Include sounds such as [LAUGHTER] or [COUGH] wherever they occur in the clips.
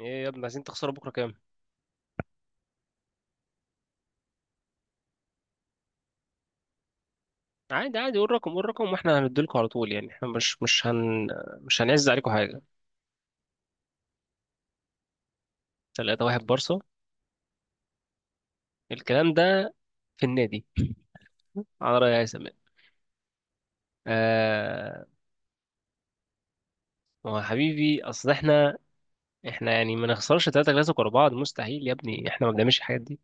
ايه يا ابني، عايزين تخسروا بكره كام؟ عادي عادي، قول رقم، قول رقم واحنا هنديلكوا على طول. يعني احنا مش هنعز عليكم حاجه. 3 واحد بارسا الكلام ده؟ في النادي، على رأي هيثم يعني. آه، هو يا حبيبي اصل احنا يعني ما نخسرش 3 كلاسيكو ورا بعض. مستحيل يا ابني، احنا ما بنعملش الحاجات دي.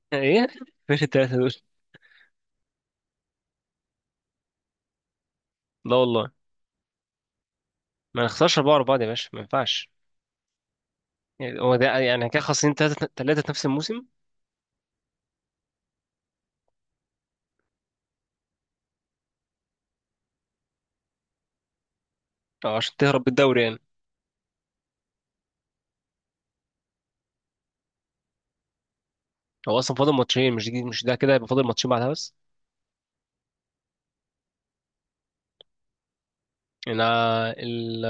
[LAUGHS] ايه، فين الثلاثه دول؟ لا والله، ما نخسرش اربعه ورا بعض يا باشا، ما ينفعش. يعني هو ده، يعني كده خاسرين ثلاثه ثلاثه في نفس الموسم، او عشان تهرب بالدوري يعني. هو اصلا فاضل ماتشين، مش دي، مش ده كده، هيبقى فاضل ماتشين بعدها بس. لا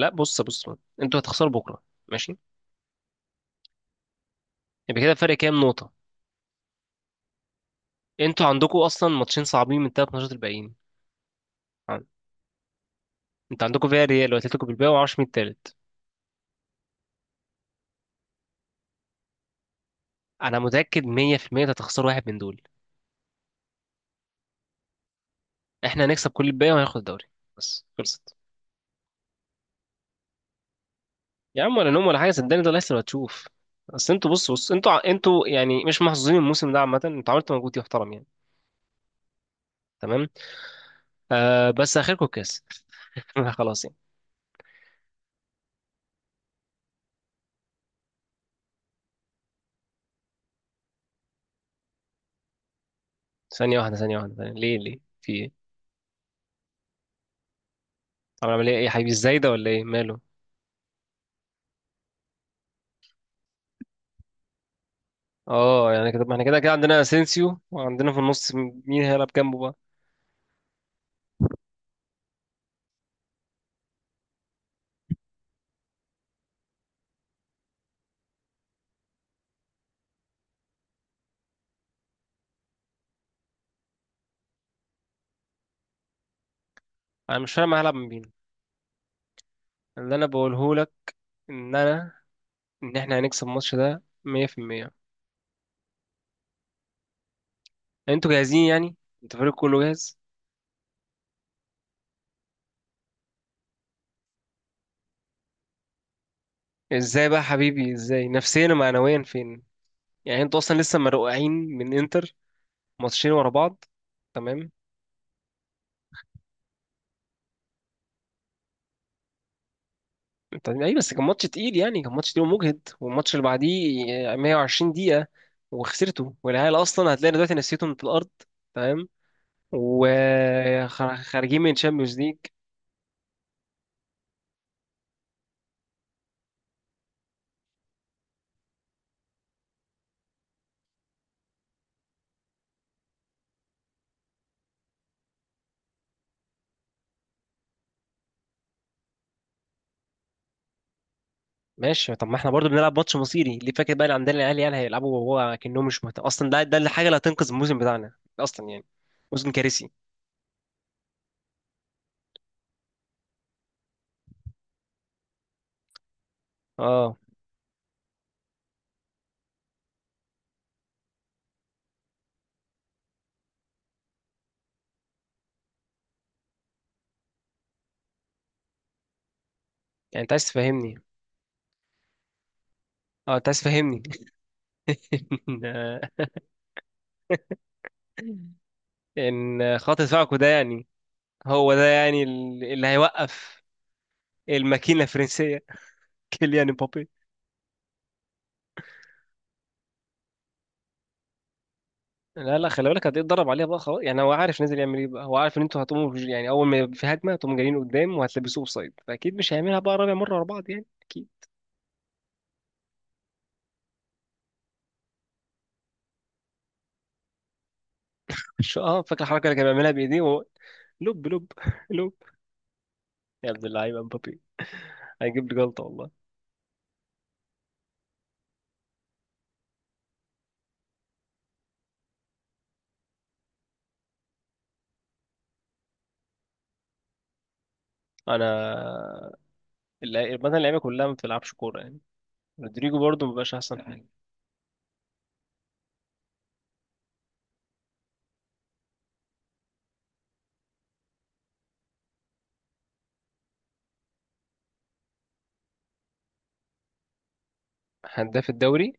لا بص بص، انتوا هتخسروا بكره، ماشي؟ يبقى كده فرق كام نقطه؟ انتوا عندكم اصلا ماتشين صعبين من الثلاث ماتشات الباقيين. عن- انتوا عندكم فيا ريال واتلتيكو بالباقي، ومعرفش مين التالت. انا متاكد 100% انت هتخسروا واحد من دول. احنا هنكسب كل الباقي وهناخد الدوري، بس خلصت. يا عم ولا نوم ولا حاجه، صدقني ده لسه هتشوف. اصل انتوا بص بص، انتوا انتوا يعني مش محظوظين الموسم ده عامه، انتوا عملتوا مجهود يحترم يعني. تمام، آه، بس اخركم الكاس. [LAUGHS] خلاص يعني. ثانيه واحده، ثانيه واحده، ثانية. ليه في إيه؟ طب اعمل ايه؟ إيه يا حبيبي، ازاي ده ولا ايه ماله؟ اه، يعني كده ما احنا كده كده عندنا اسينسيو، وعندنا في النص مين هيلعب جنبه بقى؟ انا مش فاهم هلعب من مين. اللي انا بقوله لك ان انا، ان احنا هنكسب الماتش ده 100%. انتوا جاهزين يعني؟ انتوا الفريق كله جاهز؟ ازاي بقى يا حبيبي، ازاي نفسيا ومعنويا فين؟ يعني انتوا اصلا لسه مرقعين من انتر، ماتشين ورا بعض، تمام؟ طيب ايه بس، كان ماتش تقيل يعني، كان ماتش تقيل ومجهد، والماتش اللي بعديه آه، 120 دقيقة وخسرته. والعيال اصلا هتلاقي دلوقتي نسيتهم في الارض، تمام، وخارجين من تشامبيونز ليج. ماشي، طب ما احنا برضو بنلعب ماتش مصيري، ليه فاكر بقى؟ اللي عندنا العيال يعني هيلعبوا، وهو كأنهم مش مهتم اصلا، ده الحاجة اللي هتنقذ الموسم بتاعنا اصلا يعني. موسم كارثي. اه يعني انت عايز تفهمني، اه انت عايز تفهمني [LAUGHS] ان آه، إن خط دفاعكم ده يعني، هو ده يعني اللي هيوقف الماكينة الفرنسية، كيليان امبابي. لا لا، خلي بالك هتتدرب عليها بقى، خلاص يعني، هو عارف نازل يعمل ايه بقى، هو عارف ان انتوا هتقوموا يعني، اول ما يبقى في هجمه هتقوموا جايين قدام وهتلبسوه اوفسايد، فاكيد مش هيعملها بقى رابع مره ورا بعض يعني، اكيد. [LAUGHS] مش، اه فاكر الحركه اللي كان بيعملها بايديه، وهو لب لب [LAUGHS] لب، يا ابن اللعيبه مبابي، هيجيب لي جلطه والله. انا مثلا اللعيبه كلها ما بتلعبش كوره يعني. رودريجو برضه ما بقاش احسن حاجه، هداف الدوري.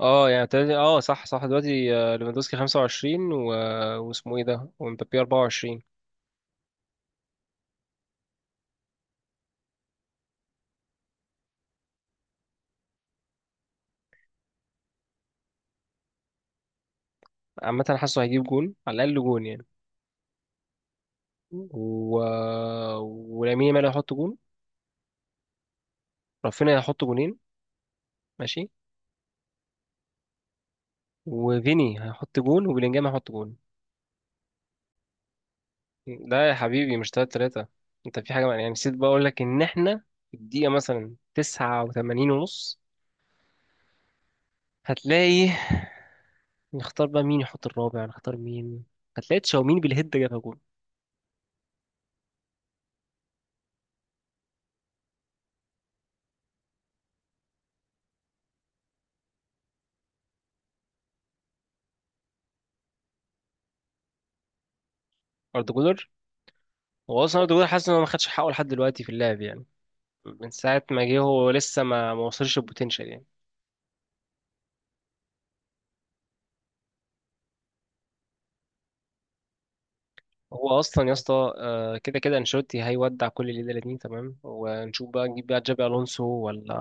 اه يعني اه صح صح، دلوقتي آه، ليفاندوسكي 25 و... واسمه ايه ده، ومبابي 24. عامة أنا حاسه هيجيب جون على الأقل، جون يعني، و... ولامين يامال هيحط جون، رافينيا هيحط جونين، ماشي، وفيني هيحط جون، وبلينجهام هيحط جون. ده يا حبيبي مش تلاتة تلاتة. انت في حاجة بقى يعني، نسيت بقى اقول لك ان احنا في الدقيقة مثلا 89 ونص هتلاقي، نختار بقى مين يحط الرابع، نختار مين؟ هتلاقي تشاوميني بالهيد جابها جون. اردا جولر، هو اصلا اردا جولر حاسس ان هو ما خدش حقه لحد دلوقتي في اللعب يعني، من ساعة ما جه هو لسه ما وصلش البوتنشال يعني. هو اصلا يا اسطى آه، كده كده انشيلوتي هيودع كل اللي ده الاتنين، تمام، ونشوف بقى نجيب بقى جابي الونسو ولا.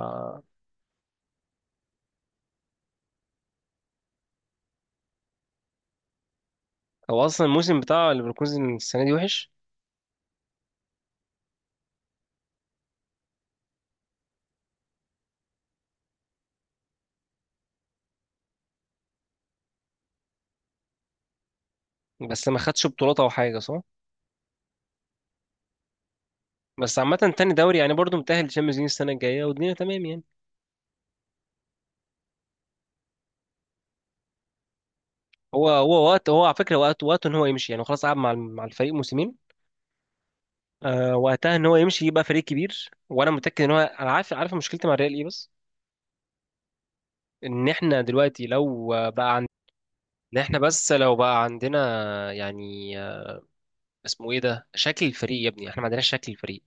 هو اصلا الموسم بتاع ليفركوزن السنه دي وحش، بس ما خدش بطولات او حاجه، صح؟ بس عامه تاني دوري يعني، برضه متاهل للشامبيونز ليج السنه الجايه، والدنيا تمام يعني. هو هو وقت، هو على فكره وقت، وقت ان هو يمشي يعني، هو خلاص قعد مع مع الفريق موسمين آه، وقتها ان هو يمشي يبقى فريق كبير، وانا متاكد ان هو، انا عارف، عارف مشكلتي مع الريال ايه بس، ان احنا دلوقتي لو بقى عندنا، ان احنا بس لو بقى عندنا يعني، اسمه ايه ده، شكل الفريق يا ابني، احنا ما عندناش شكل الفريق.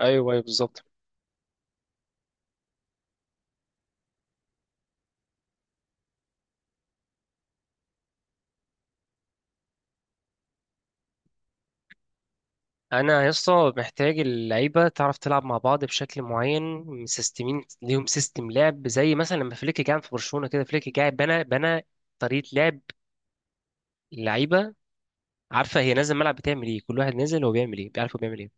ايوه ايوه بالظبط. انا يا اسطى محتاج اللعيبه تعرف تلعب مع بعض بشكل معين، مسيستمين ليهم سيستم لعب، زي مثلا لما فليك جه في برشلونه كده، فليك جه بنى، بنى طريقه لعب، اللعيبه عارفه هي نازل الملعب بتعمل ايه، كل واحد نازل هو بيعمل ايه، بيعرف هو بيعمل ايه.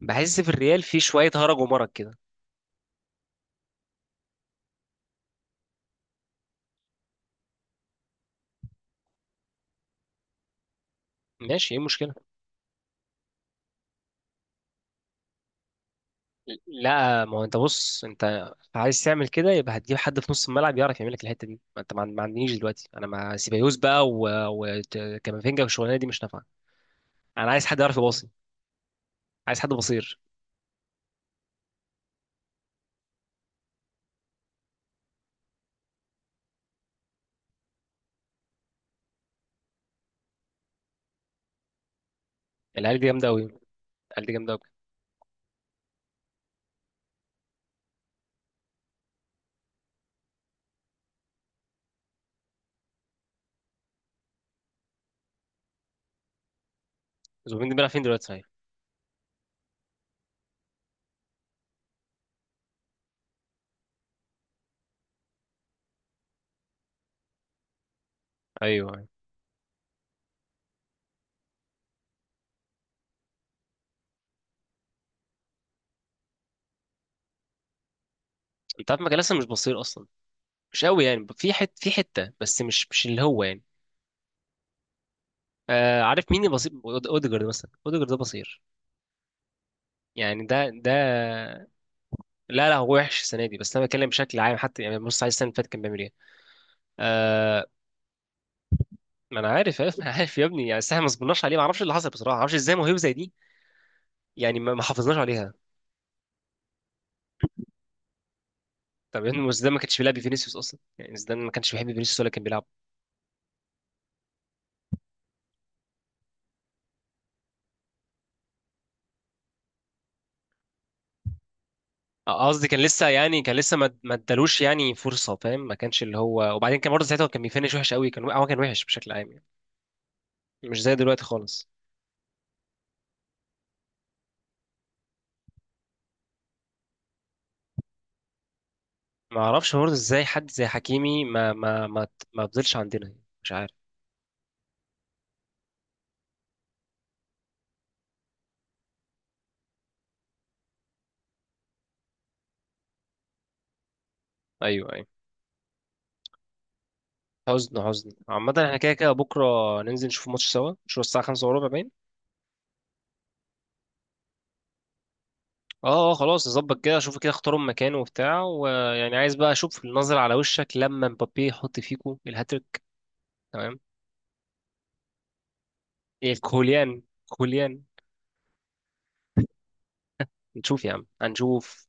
بحس في الريال في شويه هرج ومرج كده. ماشي، ايه المشكله؟ لا ما هو انت بص، انت عايز تعمل كده يبقى هتجيب حد في نص الملعب يعرف يعمل لك الحته دي، ما انت ما عندنيش دلوقتي، انا مع سيبايوس بقى وكامافينجا والشغلانه دي مش نافعه. انا عايز حد يعرف يباصي، عايز حد بصير. العيال دي جامده قوي، العيال دي جامده قوي. زوبين بيلعب فين دلوقتي صحيح؟ ايوه ايوه. انت عارف مكان لسه مش بصير اصلا، مش قوي يعني، في في حته بس مش، مش اللي هو يعني. آه، عارف مين بصير؟ اوديجارد مثلا، اوديجارد ده بصير، يعني ده ده. لا لا، هو وحش السنه دي بس انا بتكلم بشكل عام، حتى يعني بص، عايز السنه اللي فاتت كان بيعمل ايه؟ آه، ما انا عارف [LAUGHS] انا عارف يا ابني يعني، بس احنا ما صبرناش عليه، ما اعرفش اللي حصل بصراحه، ما اعرفش ازاي موهبه زي دي يعني ما حافظناش عليها. طب يا ابني، ما زيدان ما كانش بيلعب فينيسيوس اصلا يعني، زيدان ما كانش بيحب فينيسيوس ولا كان بيلعب. قصدي كان لسه يعني، كان لسه ما ادالوش يعني فرصه، فاهم، ما كانش اللي هو، وبعدين كان برضه ساعتها كان بيفنش وحش قوي، كان هو كان وحش بشكل عام يعني، مش زي دلوقتي خالص. ما اعرفش برضه ازاي حد زي حكيمي ما ما فضلش عندنا يعني. مش عارف. ايوه ايوه. حزن حزن، عامة احنا كده كده بكرة ننزل نشوف ماتش سوا، مش هو الساعة 5:15 باين؟ اه اه، خلاص نظبط كده، اشوف كده اختاروا مكان وبتاع، ويعني عايز بقى اشوف النظرة على وشك لما مبابي يحط فيكو الهاتريك. تمام. الكوليان، كوليان، نشوف يا عم هنشوف.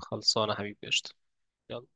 خلصانة يا حبيبي، قشطة، يلا.